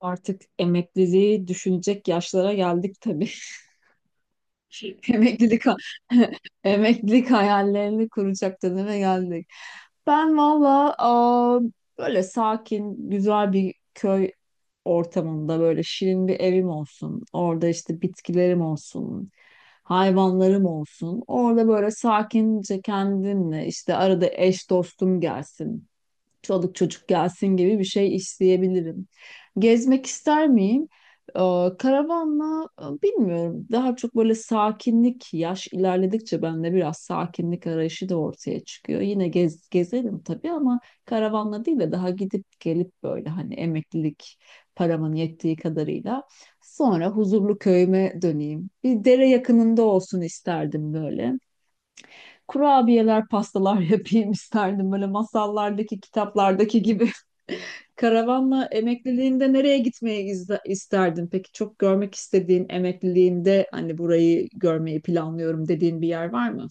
Artık emekliliği düşünecek yaşlara geldik tabii. Emeklilik ha- Emeklilik hayallerini kuracak döneme geldik. Ben valla böyle sakin, güzel bir köy ortamında böyle şirin bir evim olsun. Orada işte bitkilerim olsun, hayvanlarım olsun. Orada böyle sakince kendimle işte arada eş dostum gelsin, çoluk çocuk gelsin gibi bir şey isteyebilirim. Gezmek ister miyim? Ee, Karavanla bilmiyorum. Daha çok böyle sakinlik, yaş ilerledikçe bende biraz sakinlik arayışı da ortaya çıkıyor. Yine gezerim tabii ama karavanla değil de daha gidip gelip, böyle hani emeklilik paramın yettiği kadarıyla, sonra huzurlu köyüme döneyim. Bir dere yakınında olsun isterdim, böyle kurabiyeler, pastalar yapayım isterdim. Böyle masallardaki, kitaplardaki gibi. Karavanla emekliliğinde nereye gitmeyi isterdin? Peki çok görmek istediğin emekliliğinde, hani burayı görmeyi planlıyorum dediğin bir yer var mı?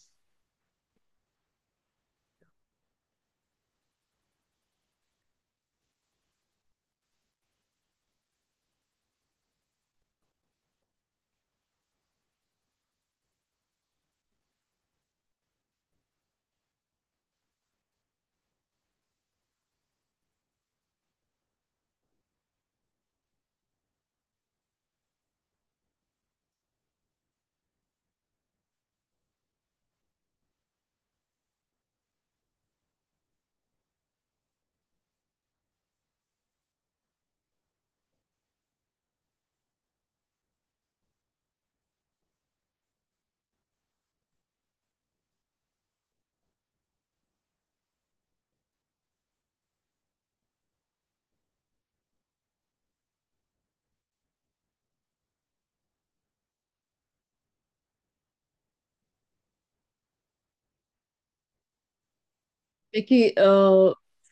Peki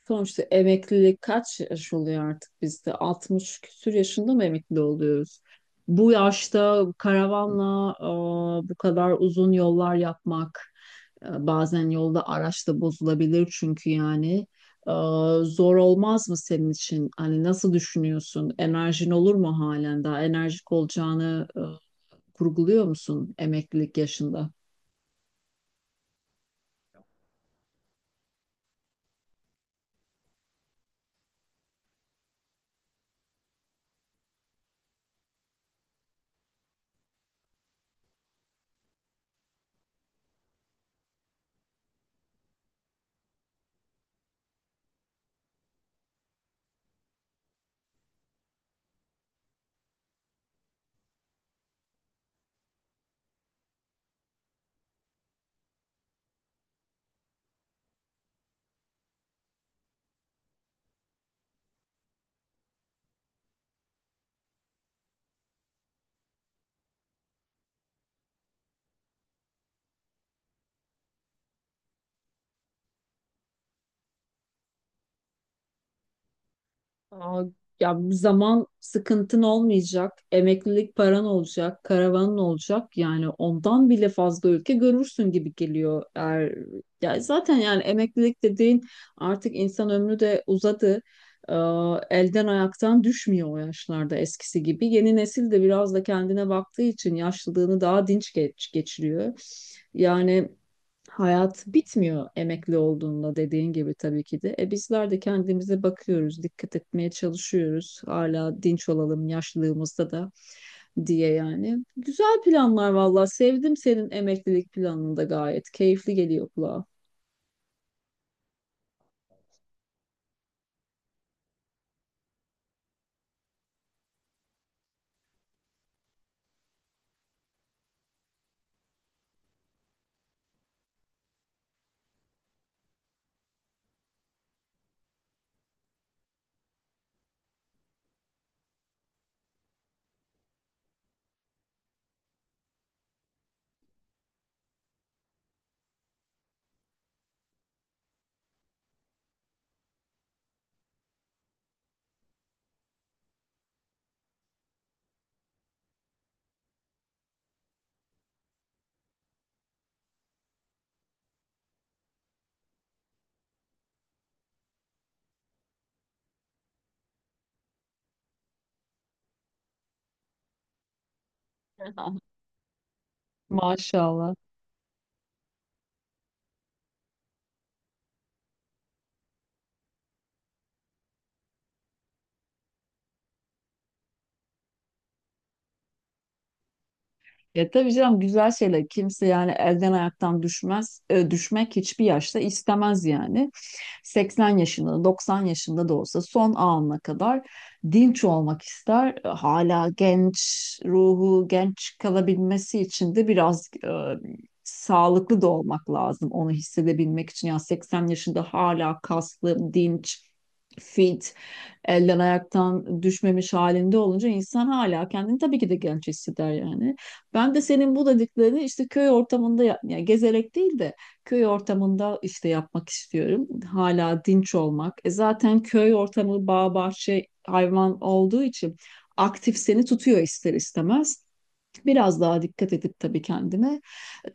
sonuçta emeklilik kaç yaş oluyor artık bizde? 60 küsur yaşında mı emekli oluyoruz? Bu yaşta karavanla bu kadar uzun yollar yapmak, bazen yolda araç da bozulabilir çünkü yani. E, Zor olmaz mı senin için? Hani nasıl düşünüyorsun? Enerjin olur mu halen daha? Enerjik olacağını kurguluyor musun emeklilik yaşında? Aa, Ya zaman sıkıntın olmayacak, emeklilik paran olacak, karavanın olacak. Yani ondan bile fazla ülke görürsün gibi geliyor. Eğer, ya zaten yani emeklilik dediğin, artık insan ömrü de uzadı. Ee, Elden ayaktan düşmüyor o yaşlarda eskisi gibi. Yeni nesil de biraz da kendine baktığı için yaşlılığını daha dinç geçiriyor. Yani hayat bitmiyor emekli olduğunda, dediğin gibi tabii ki de. Bizler de kendimize bakıyoruz, dikkat etmeye çalışıyoruz. Hala dinç olalım yaşlılığımızda da diye yani. Güzel planlar valla. Sevdim senin emeklilik planını da gayet. Keyifli geliyor kulağa. Maşallah. Ya tabii canım, güzel şeyler. Kimse yani elden ayaktan düşmez. Düşmek hiçbir yaşta istemez yani. Seksen yaşında, 90 yaşında da olsa son anına kadar dinç olmak ister. Hala genç ruhu, genç kalabilmesi için de biraz sağlıklı da olmak lazım onu hissedebilmek için. Yani 80 yaşında hala kaslı, dinç, fit, elden ayaktan düşmemiş halinde olunca insan hala kendini tabii ki de genç hisseder yani. Ben de senin bu dediklerini işte köy ortamında yani gezerek değil de köy ortamında işte yapmak istiyorum. Hala dinç olmak. E zaten köy ortamı bağ bahçe hayvan olduğu için aktif seni tutuyor ister istemez. Biraz daha dikkat edip tabii kendime.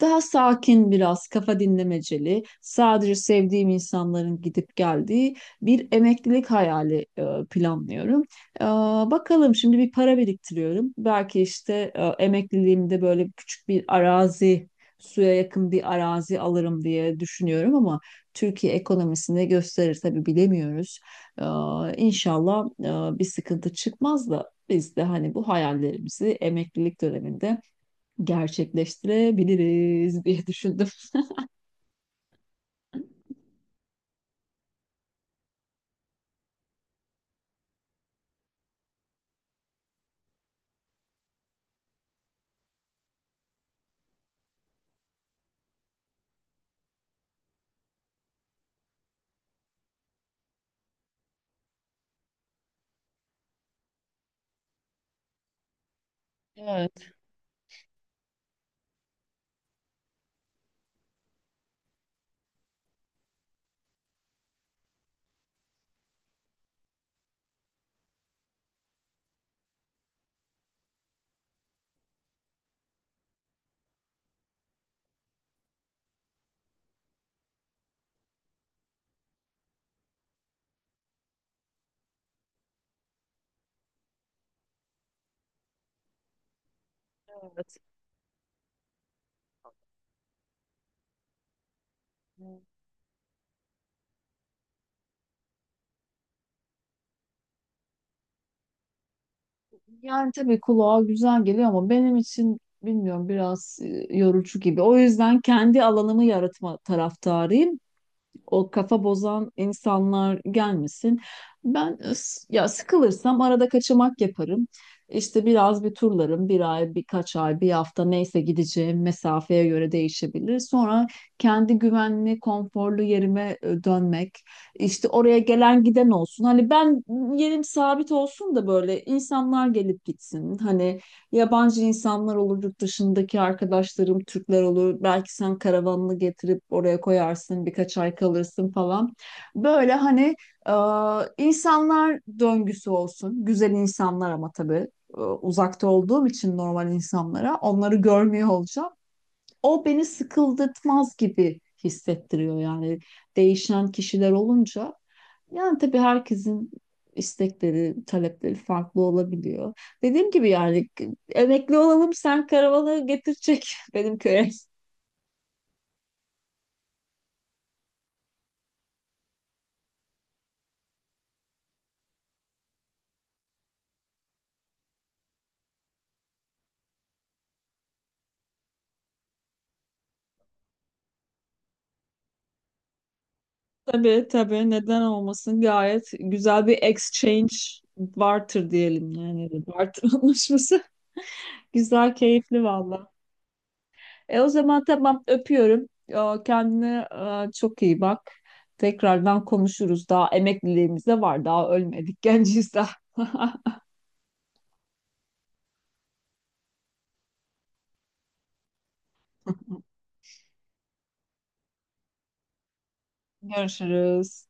Daha sakin biraz, kafa dinlemeceli, sadece sevdiğim insanların gidip geldiği bir emeklilik hayali planlıyorum. E, Bakalım, şimdi bir para biriktiriyorum. Belki işte emekliliğimde böyle küçük bir arazi, suya yakın bir arazi alırım diye düşünüyorum ama Türkiye ekonomisini gösterir tabii, bilemiyoruz. E, İnşallah bir sıkıntı çıkmaz da biz de hani bu hayallerimizi emeklilik döneminde gerçekleştirebiliriz diye düşündüm. Evet, evet. Yani tabii kulağa güzel geliyor ama benim için bilmiyorum, biraz yorucu gibi. O yüzden kendi alanımı yaratma taraftarıyım. O kafa bozan insanlar gelmesin. Ben ya sıkılırsam arada kaçamak yaparım. İşte biraz bir turlarım, bir ay, birkaç ay, bir hafta, neyse gideceğim mesafeye göre değişebilir. Sonra kendi güvenli, konforlu yerime dönmek. İşte oraya gelen giden olsun. Hani ben yerim sabit olsun da böyle insanlar gelip gitsin. Hani yabancı insanlar olur, yurt dışındaki arkadaşlarım Türkler olur. Belki sen karavanını getirip oraya koyarsın, birkaç ay kalırsın falan. Böyle hani insanlar döngüsü olsun. Güzel insanlar ama tabii uzakta olduğum için normal insanlara, onları görmüyor olacağım. O beni sıkıldırtmaz gibi hissettiriyor yani, değişen kişiler olunca. Yani tabii herkesin istekleri, talepleri farklı olabiliyor. Dediğim gibi yani emekli olalım, sen karavanı getirecek benim köye. Tabii tabii, neden olmasın, gayet güzel bir exchange, barter diyelim yani, barter anlaşması. Güzel, keyifli valla. O zaman tamam, öpüyorum. Kendine çok iyi bak. Tekrardan konuşuruz. Daha emekliliğimiz de var. Daha ölmedik, genciyiz daha. Görüşürüz.